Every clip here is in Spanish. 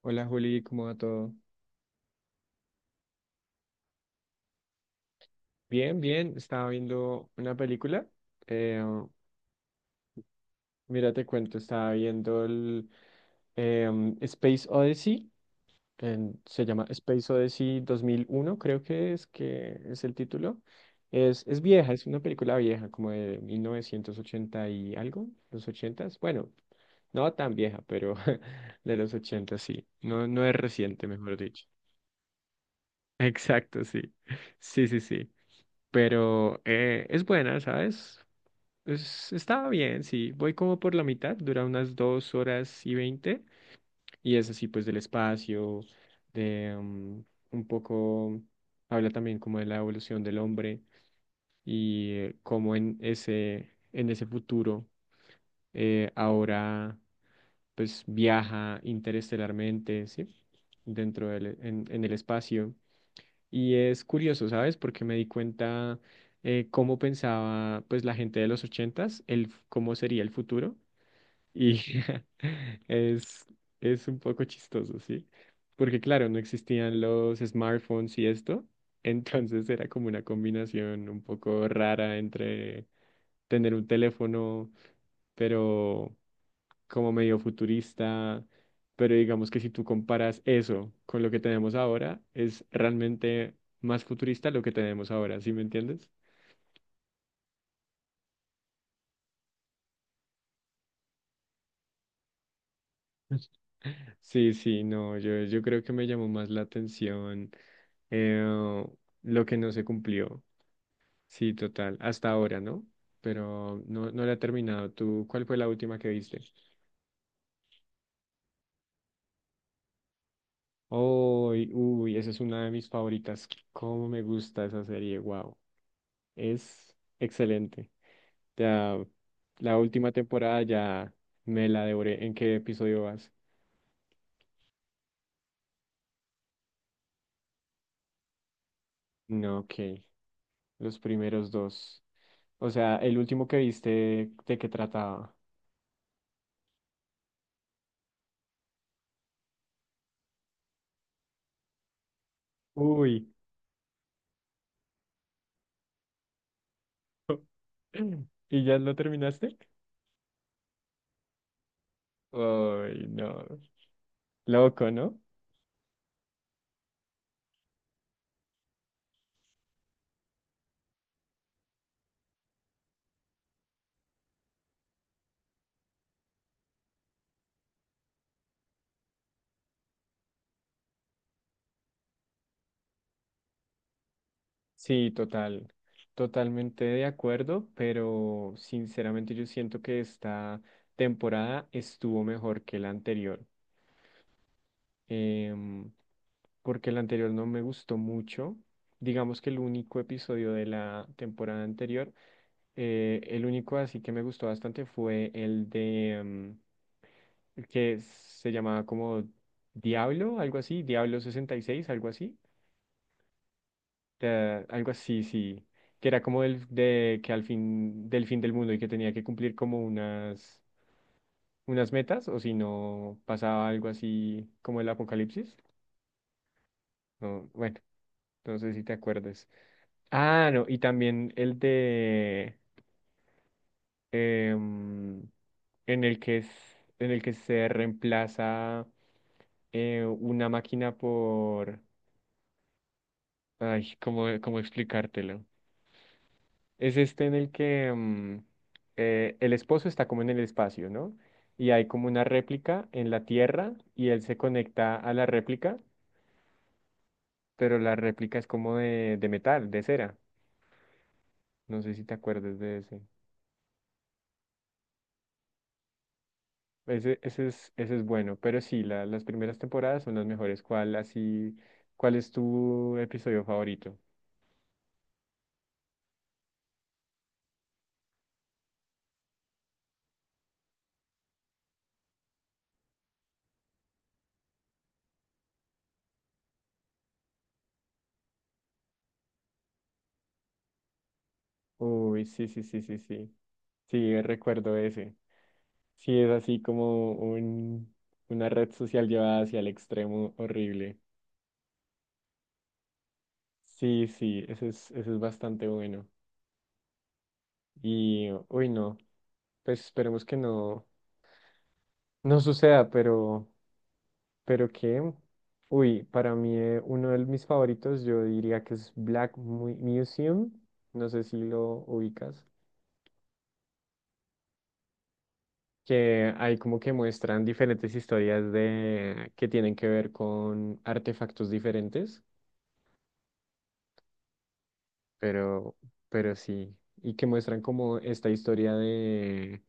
Hola Juli, ¿cómo va todo? Bien, bien, estaba viendo una película. Eh, mira, te cuento, estaba viendo el Space Odyssey, se llama Space Odyssey 2001, creo que es el título. Es vieja, es una película vieja, como de 1980 y algo, los ochentas. Bueno, no tan vieja, pero de los 80 sí. No, no es reciente, mejor dicho. Exacto, sí. Sí, sí, sí. Pero es buena, ¿sabes? Está bien, sí. Voy como por la mitad, dura unas 2 horas y 20. Y es así, pues, del espacio, de un poco, habla también como de la evolución del hombre y cómo en ese futuro ahora, pues, viaja interestelarmente, ¿sí? Dentro en el espacio. Y es curioso, ¿sabes? Porque me di cuenta cómo pensaba pues la gente de los ochentas, cómo sería el futuro. Y es, es un poco chistoso, ¿sí? Porque claro, no existían los smartphones y esto. Entonces era como una combinación un poco rara entre tener un teléfono, pero como medio futurista, pero digamos que si tú comparas eso con lo que tenemos ahora, es realmente más futurista lo que tenemos ahora, ¿sí me entiendes? Sí, sí, no, yo creo que me llamó más la atención eh, lo que no se cumplió, sí, total, hasta ahora, ¿no? Pero no, no la he terminado. ¿Tú cuál fue la última que viste? Uy, uy, esa es una de mis favoritas. ¿Cómo me gusta esa serie? Wow. Es excelente. Ya, la última temporada ya me la devoré. ¿En qué episodio vas? No, ok. Los primeros dos. O sea, el último que viste, ¿de qué trataba? Uy. ¿Y ya lo terminaste? Uy, no. Loco, ¿no? Sí, total. Totalmente de acuerdo, pero sinceramente yo siento que esta temporada estuvo mejor que la anterior. em, porque el anterior no me gustó mucho. Digamos que el único episodio de la temporada anterior, el único así que me gustó bastante fue el de el que se llamaba como Diablo, algo así, Diablo 66 algo así, sí, que era como de que al fin del mundo y que tenía que cumplir como unas metas o si no pasaba algo así como el apocalipsis. No, bueno, no sé si te acuerdas. Ah, no, y también el de em, en el que es, en el que se reemplaza una máquina por ay, ¿cómo explicártelo? Es este en el que el esposo está como en el espacio, ¿no? Y hay como una réplica en la Tierra y él se conecta a la réplica, pero la réplica es como de metal, de cera. No sé si te acuerdas de ese. Ese es bueno, pero sí, las primeras temporadas son las mejores. ¿Cuál es tu episodio favorito? Uy, sí, sí, sí, sí, sí. Sí, recuerdo ese. Sí, es así como una red social llevada hacia el extremo horrible. Sí, sí, ese es bastante bueno. Y, uy, no, pues esperemos que no, no suceda, pero que, uy, para mí uno de mis favoritos, yo diría que es Black Museum, no sé si lo ubicas, que ahí como que muestran diferentes historias de que tienen que ver con artefactos diferentes, pero, pero sí, y que muestran como esta historia de,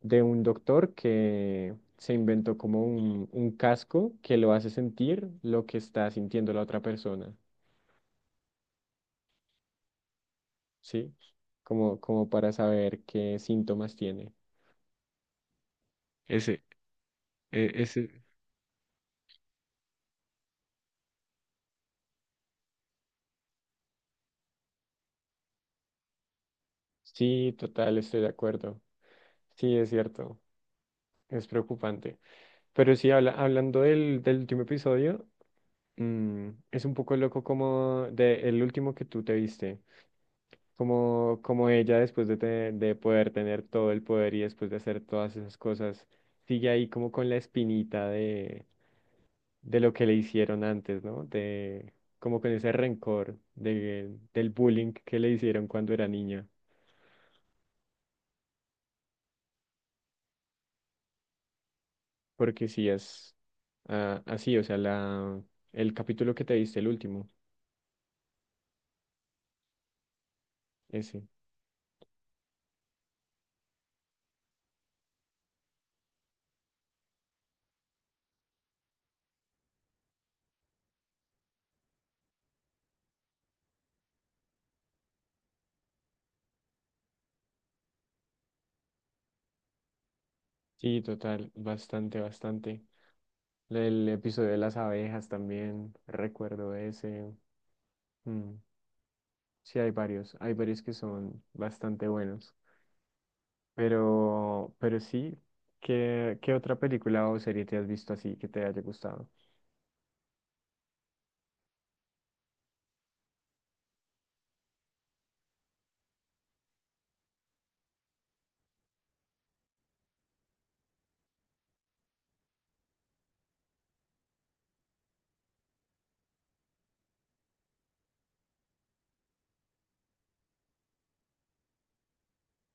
de un doctor que se inventó como un casco que lo hace sentir lo que está sintiendo la otra persona. ¿Sí? Como para saber qué síntomas tiene. Ese, e- ese, Sí, total, estoy de acuerdo. Sí, es cierto, es preocupante. Pero sí, hablando del último episodio, es un poco loco como de el último que tú te viste, como ella después de poder tener todo el poder y después de hacer todas esas cosas, sigue ahí como con la espinita de lo que le hicieron antes, ¿no? De como con ese rencor del bullying que le hicieron cuando era niña. Porque sí es así, o sea, el capítulo que te diste, el último, ese. Sí, total, bastante, bastante. El episodio de las abejas también, recuerdo ese. Mm, sí, hay varios, que son bastante buenos. Pero sí, ¿qué otra película o serie te has visto así que te haya gustado?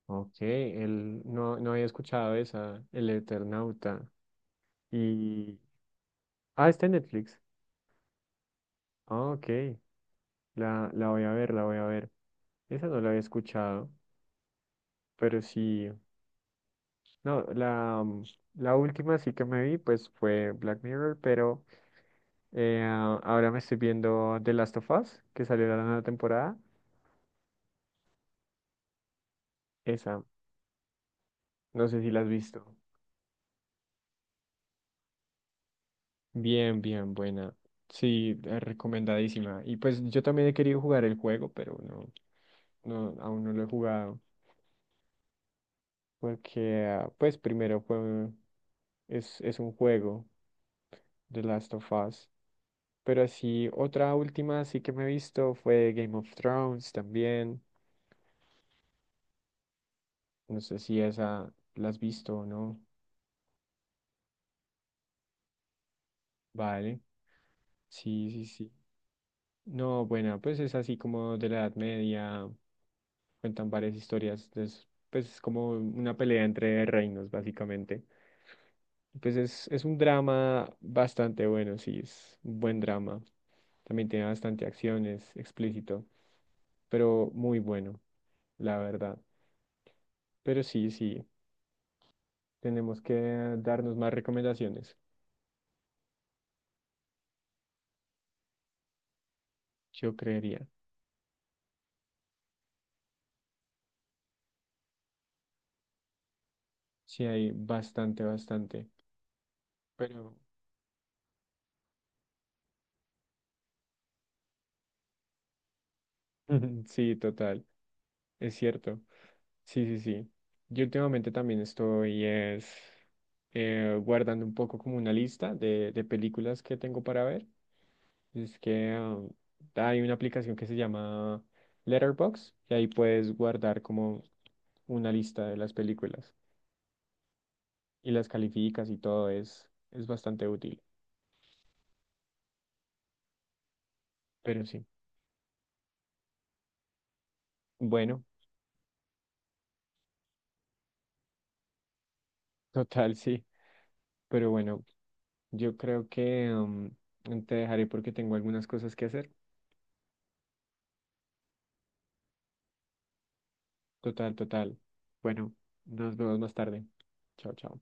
Ok, él no, no había escuchado esa, El Eternauta. Y. Ah, está en Netflix. Ah, ok. La voy a ver, la voy a ver. Esa no la había escuchado, pero sí. No, la última sí que me vi, pues fue Black Mirror, pero ah, ahora me estoy viendo The Last of Us, que salió la nueva temporada. Esa, no sé si la has visto. Bien, bien, buena. Sí, recomendadísima. Y pues yo también he querido jugar el juego, pero no, no, aún no lo he jugado. Porque, ah, pues primero es un juego, The Last of Us. Pero así, otra última sí que me he visto fue Game of Thrones también. No sé si esa la has visto o no. Vale. Sí, sí, sí. No, bueno, pues es así como de la Edad Media. Cuentan varias historias. Pues es como una pelea entre reinos, básicamente. Pues es un drama bastante bueno, sí, es un buen drama. También tiene bastante acción, es explícito, pero muy bueno, la verdad. Pero sí, sí, tenemos que darnos más recomendaciones, yo creería. Sí, hay bastante, bastante. Pero sí, total. Es cierto. Sí, sí, sí. Yo últimamente también estoy guardando un poco como una lista de películas que tengo para ver. Es que hay una aplicación que se llama Letterboxd y ahí puedes guardar como una lista de las películas y las calificas y todo es bastante útil. Pero sí, bueno, total, sí. Pero bueno, yo creo que te dejaré porque tengo algunas cosas que hacer. Total, total. Bueno, nos vemos más tarde. Chao, chao.